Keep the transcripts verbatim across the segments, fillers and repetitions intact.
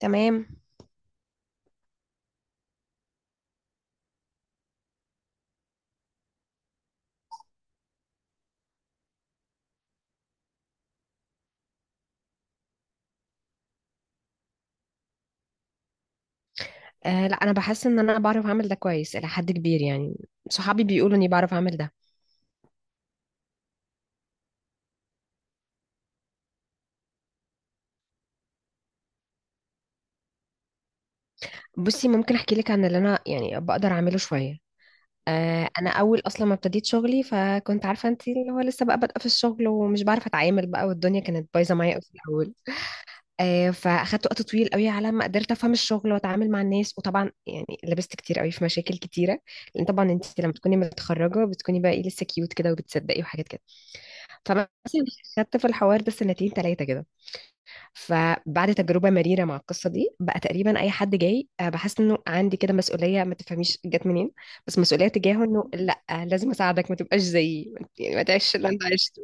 تمام. آه لا، انا بحس ان انا بعرف اعمل ده كويس الى حد كبير. يعني صحابي بيقولوا اني بعرف اعمل ده. بصي، ممكن احكي لك عن اللي انا يعني بقدر اعمله شويه. آه انا اول اصلا ما ابتديت شغلي، فكنت عارفه، انت اللي هو لسه بقى بادئه في الشغل ومش بعرف اتعامل بقى، والدنيا كانت بايظه معايا قوي في الاول. آه فاخدت وقت طويل قوي على ما قدرت افهم الشغل واتعامل مع الناس، وطبعا يعني لبست كتير قوي في مشاكل كتيره. لان طبعا انت لما تكوني متخرجه بتكوني بقى ايه، لسه كيوت كده، وبتصدقي وحاجات كده. فمثلا خدت في الحوار ده سنتين ثلاثه كده. فبعد تجربة مريرة مع القصة دي بقى، تقريبا أي حد جاي، آه، بحس إنه عندي كده مسؤولية ما تفهميش جت منين، بس مسؤولية تجاهه إنه لأ، آه، لازم أساعدك ما تبقاش زيي، يعني ما تعيش اللي أنت عشته.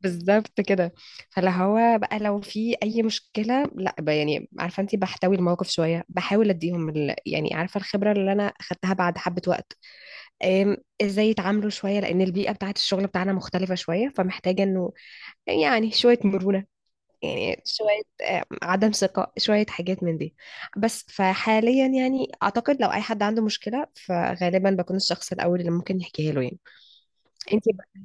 بالظبط كده. فلا هو بقى لو في أي مشكلة لأ بقى، يعني عارفة، أنت بحتوي الموقف شوية، بحاول أديهم ال... يعني عارفة الخبرة اللي أنا أخدتها بعد حبة وقت. آم، ازاي يتعاملوا شوية، لأن البيئة بتاعت الشغل بتاعنا مختلفة شوية، فمحتاجة إنه يعني شوية مرونة، يعني شوية آه، عدم ثقة، شوية حاجات من دي. بس فحاليا يعني أعتقد لو أي حد عنده مشكلة فغالبا بكون الشخص الأول اللي ممكن يحكيها له يعني. انتي بقى.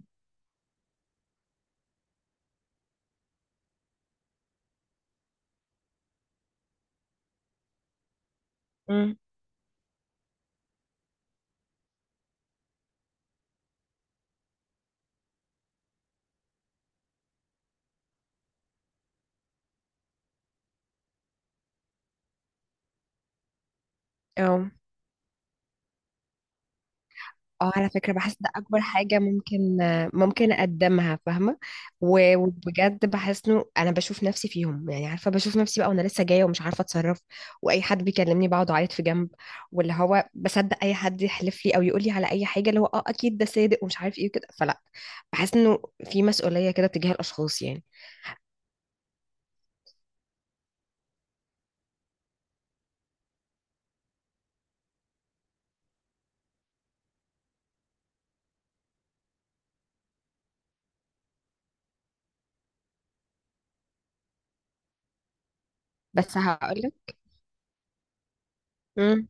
مم. اه، اه، على فكرة بحس ده أكبر حاجة ممكن ممكن أقدمها، فاهمة. و- وبجد بحس إنه أنا بشوف نفسي فيهم. يعني عارفة بشوف نفسي بقى وأنا لسه جاية ومش عارفة أتصرف، وأي حد بيكلمني بقعد أعيط في جنب، واللي هو بصدق أي حد يحلف لي أو يقول لي على أي حاجة، اللي هو أه أكيد ده صادق ومش عارف إيه وكده. فلا، بحس إنه في مسؤولية كده تجاه الأشخاص يعني. بس هقولك. مم.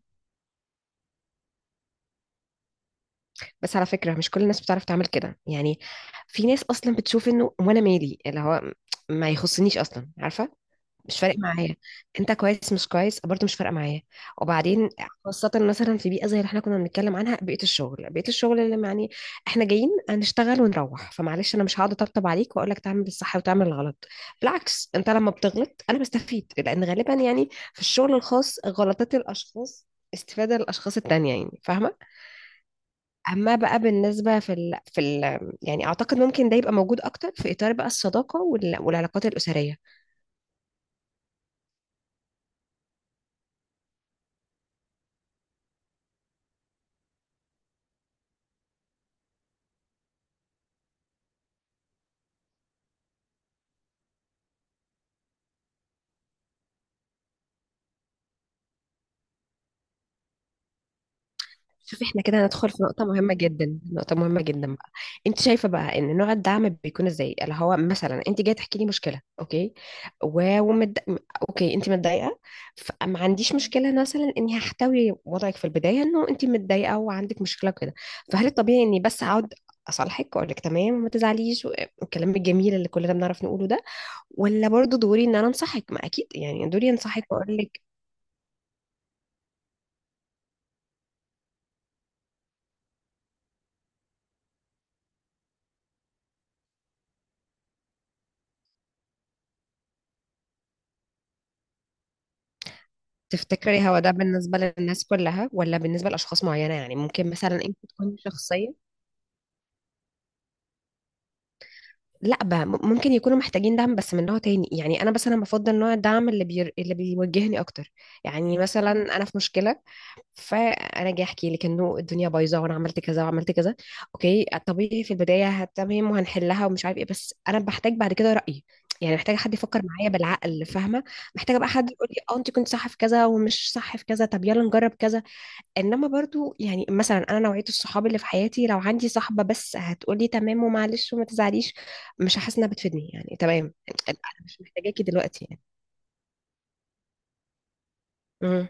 بس على فكرة، مش كل الناس بتعرف تعمل كده يعني. في ناس أصلا بتشوف إنه وأنا مالي، اللي هو ما يخصنيش أصلا، عارفة. مش فارق معايا انت كويس مش كويس، برضه مش فارقه معايا. وبعدين خاصه مثلا في بيئه زي اللي احنا كنا بنتكلم عنها، بيئه الشغل، بيئه الشغل اللي يعني احنا جايين هنشتغل ونروح، فمعلش انا مش هقعد اطبطب عليك واقول لك تعمل الصح وتعمل الغلط. بالعكس، انت لما بتغلط انا بستفيد، لان غالبا يعني في الشغل الخاص غلطات الاشخاص استفادة للأشخاص التانية، يعني فاهمة؟ أما بقى بالنسبة في ال... في ال... يعني أعتقد ممكن ده يبقى موجود أكتر في إطار بقى الصداقة وال... والعلاقات الأسرية. شوفي، احنا كده هندخل في نقطة مهمة جدا، نقطة مهمة جدا بقى. انت شايفة بقى ان نوع الدعم بيكون ازاي؟ اللي هو مثلا انت جاية تحكي لي مشكلة، اوكي. و... ومد... اوكي، انت متضايقة، فما عنديش مشكلة مثلا اني هحتوي وضعك في البداية، انه انت متضايقة وعندك مشكلة كده. فهل الطبيعي اني بس اقعد اصالحك واقول لك تمام وما تزعليش، والكلام الجميل اللي كلنا بنعرف نقوله ده؟ ولا برضو دوري ان انا انصحك؟ ما اكيد يعني دوري انصحك واقول لك. تفتكري هو ده بالنسبة للناس كلها ولا بالنسبة لأشخاص معينة؟ يعني ممكن مثلا انت تكوني شخصية. لا بقى، م- ممكن يكونوا محتاجين دعم بس من نوع تاني. يعني انا مثلا بفضل نوع الدعم اللي بير... اللي بيوجهني اكتر. يعني مثلا انا في مشكلة، فانا جاي احكي لك انه الدنيا بايظة وانا عملت كذا وعملت كذا. اوكي، طبيعي في البداية هت- تمام وهنحلها ومش عارف ايه، بس انا بحتاج بعد كده رأيي. يعني محتاجة حد يفكر معايا بالعقل، فاهمة. محتاجة بقى حد يقول لي اه انت كنت صح في كذا ومش صح في كذا، طب يلا نجرب كذا. انما برضو يعني مثلا انا نوعيه الصحاب اللي في حياتي، لو عندي صاحبه بس هتقولي تمام ومعلش وما تزعليش، مش هحس انها بتفيدني، يعني تمام. انا مش محتاجاكي دلوقتي يعني. امم.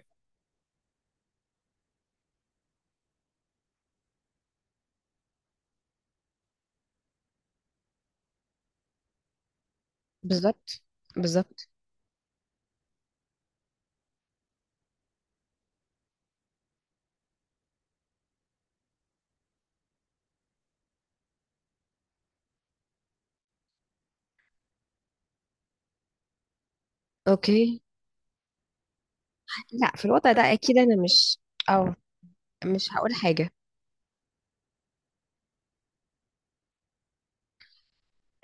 بالظبط. بالظبط. اوكي. لا، في الوضع ده اكيد انا مش. او. مش هقول حاجه.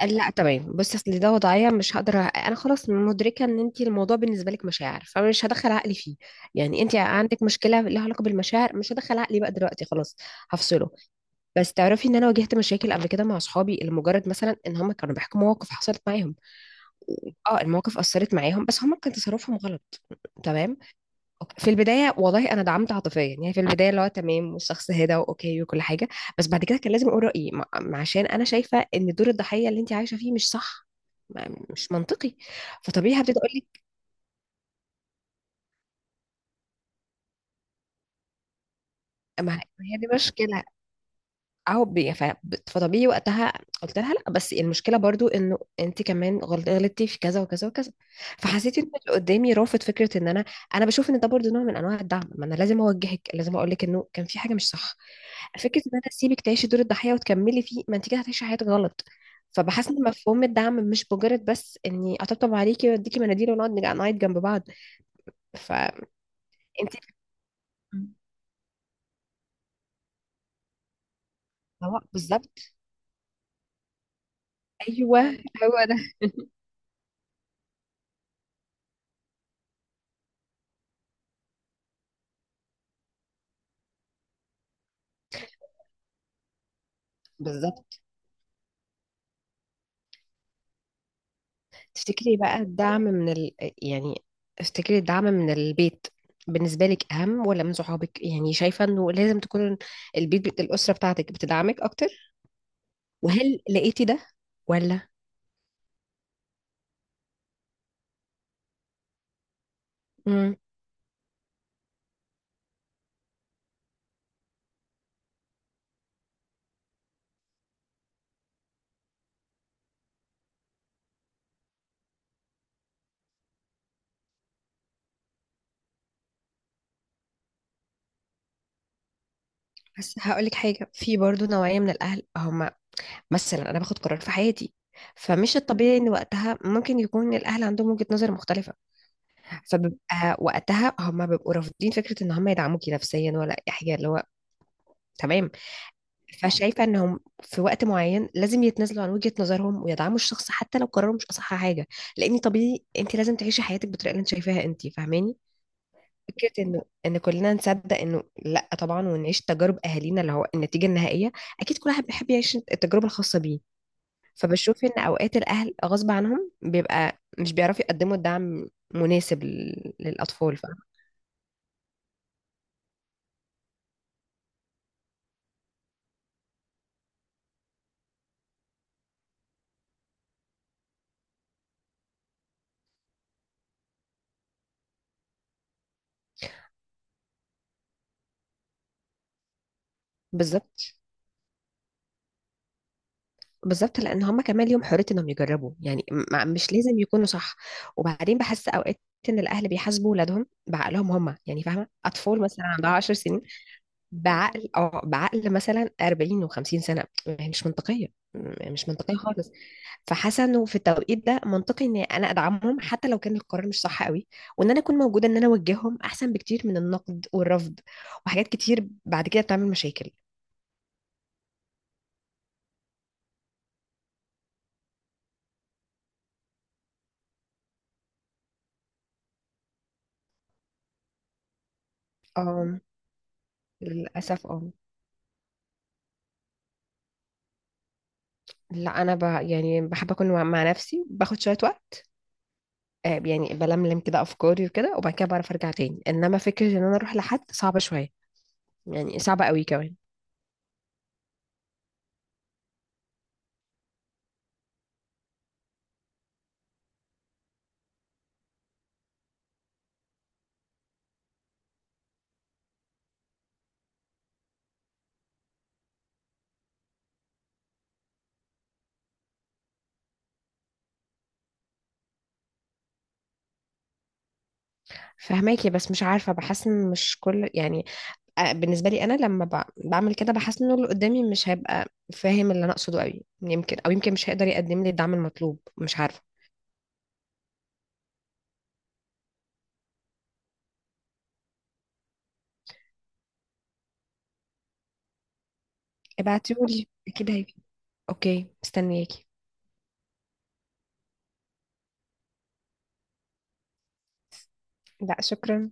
لا تمام، بصي اصل ده وضعيه مش هقدر، أ- انا خلاص مدركه ان انت الموضوع بالنسبه لك مشاعر، فمش هدخل عقلي فيه. يعني انت عندك مشكله لها علاقه بالمشاعر، مش هدخل عقلي بقى دلوقتي خلاص. هفصله. بس تعرفي ان انا واجهت مشاكل قبل كده مع اصحابي لمجرد مثلا ان هم كانوا بيحكوا مواقف حصلت معاهم. اه، المواقف اثرت معاهم، بس هم كان تصرفهم غلط. تمام. أوكي. في البدايه والله انا دعمت عاطفيا، يعني في البدايه اللي هو تمام والشخص هدى واوكي وكل حاجه. بس بعد كده كان لازم اقول رايي، مع- عشان انا شايفه ان دور الضحيه اللي انت عايشه فيه مش صح. ما- مش منطقي. فطبيعي هبتدي اقول لك. ما ما هي دي مشكله. اهو بي- ف- فطبيعي وقتها قلت لها لا، بس المشكله برضو انه انت كمان غلط- غلطتي في كذا وكذا وكذا. فحسيت ان اللي قدامي رافض فكره ان انا انا بشوف ان ده برضو نوع من انواع الدعم. ما انا لازم اوجهك، لازم اقول لك انه كان في حاجه مش صح. فكره ان انا اسيبك تعيشي دور الضحيه وتكملي فيه، ما انت كده هتعيشي حياتك غلط. فبحس ان مفهوم الدعم مش مجرد بس اني اطبطب عليكي واديكي مناديل ونقعد نج- نعيط جنب بعض. فانت. بالظبط. ايوه هو ده. بالظبط. تفتكري بقى الدعم من ال... يعني تفتكري الدعم من البيت بالنسبة لك أهم ولا من صحابك؟ يعني شايفة إنه لازم تكون البيت، بت- الأسرة بتاعتك بتدعمك أكتر؟ وهل لقيتي ده ولا؟ مم. بس هقولك حاجة، في برضو نوعية من الأهل، هما مثلا أنا باخد قرار في حياتي فمش الطبيعي إن وقتها ممكن يكون الأهل عندهم وجهة نظر مختلفة. فبيبقى وقتها هما بيبقوا رافضين فكرة إن هما يدعموكي نفسيا ولا أي حاجة اللي هو. تمام. فشايفة انهم في وقت معين لازم يتنازلوا عن وجهة نظرهم ويدعموا الشخص حتى لو قرروا مش اصح حاجة. لان طبيعي انت لازم تعيشي حياتك بالطريقة اللي انت شايفاها انت، فاهماني. فكرة انه ان كلنا نصدق انه لا طبعا ونعيش تجارب اهالينا، اللي هو النتيجة النهائية اكيد كل واحد بيحب يعيش التجربة الخاصة بيه. فبشوف ان اوقات الاهل غصب عنهم بيبقى مش بيعرفوا يقدموا الدعم مناسب لل- للاطفال، فاهمة. بالظبط. بالظبط. لان هما كمان ليهم حريه انهم يجربوا، يعني م- مش لازم يكونوا صح. وبعدين بحس اوقات ان الاهل بيحاسبوا ولادهم بعقلهم هما، يعني فاهمه، اطفال مثلا عندها عشر سنين بعقل اه بعقل مثلا أربعين وخمسين سنه، هي مش منطقيه. م- مش منطقيه خالص. فحاسه انه في التوقيت ده منطقي ان انا ادعمهم حتى لو كان القرار مش صح قوي، وان انا اكون موجوده، ان انا اوجههم احسن بكتير من النقد والرفض. وحاجات كتير بعد كده بتعمل مشاكل. اه. للاسف اه. لا، انا ب... يعني بحب اكون مع مع نفسي، باخد شويه وقت. آه، يعني بلملم كده افكاري وكده، وبعد كده بعرف ارجع تاني، انما فكره ان انا اروح لحد صعبه شويه، يعني صعبه قوي كمان. فهماكي، بس مش عارفه بحس ان مش كل يعني. آه، بالنسبه لي انا لما ب... بعمل كده بحس ان اللي قدامي مش هيبقى فاهم اللي انا اقصده قوي، يمكن او يمكن مش هيقدر يقدم لي الدعم المطلوب، مش عارفه. ابعتيهولي اكيد هيجي. اوكي، مستنياكي. لا شكرا.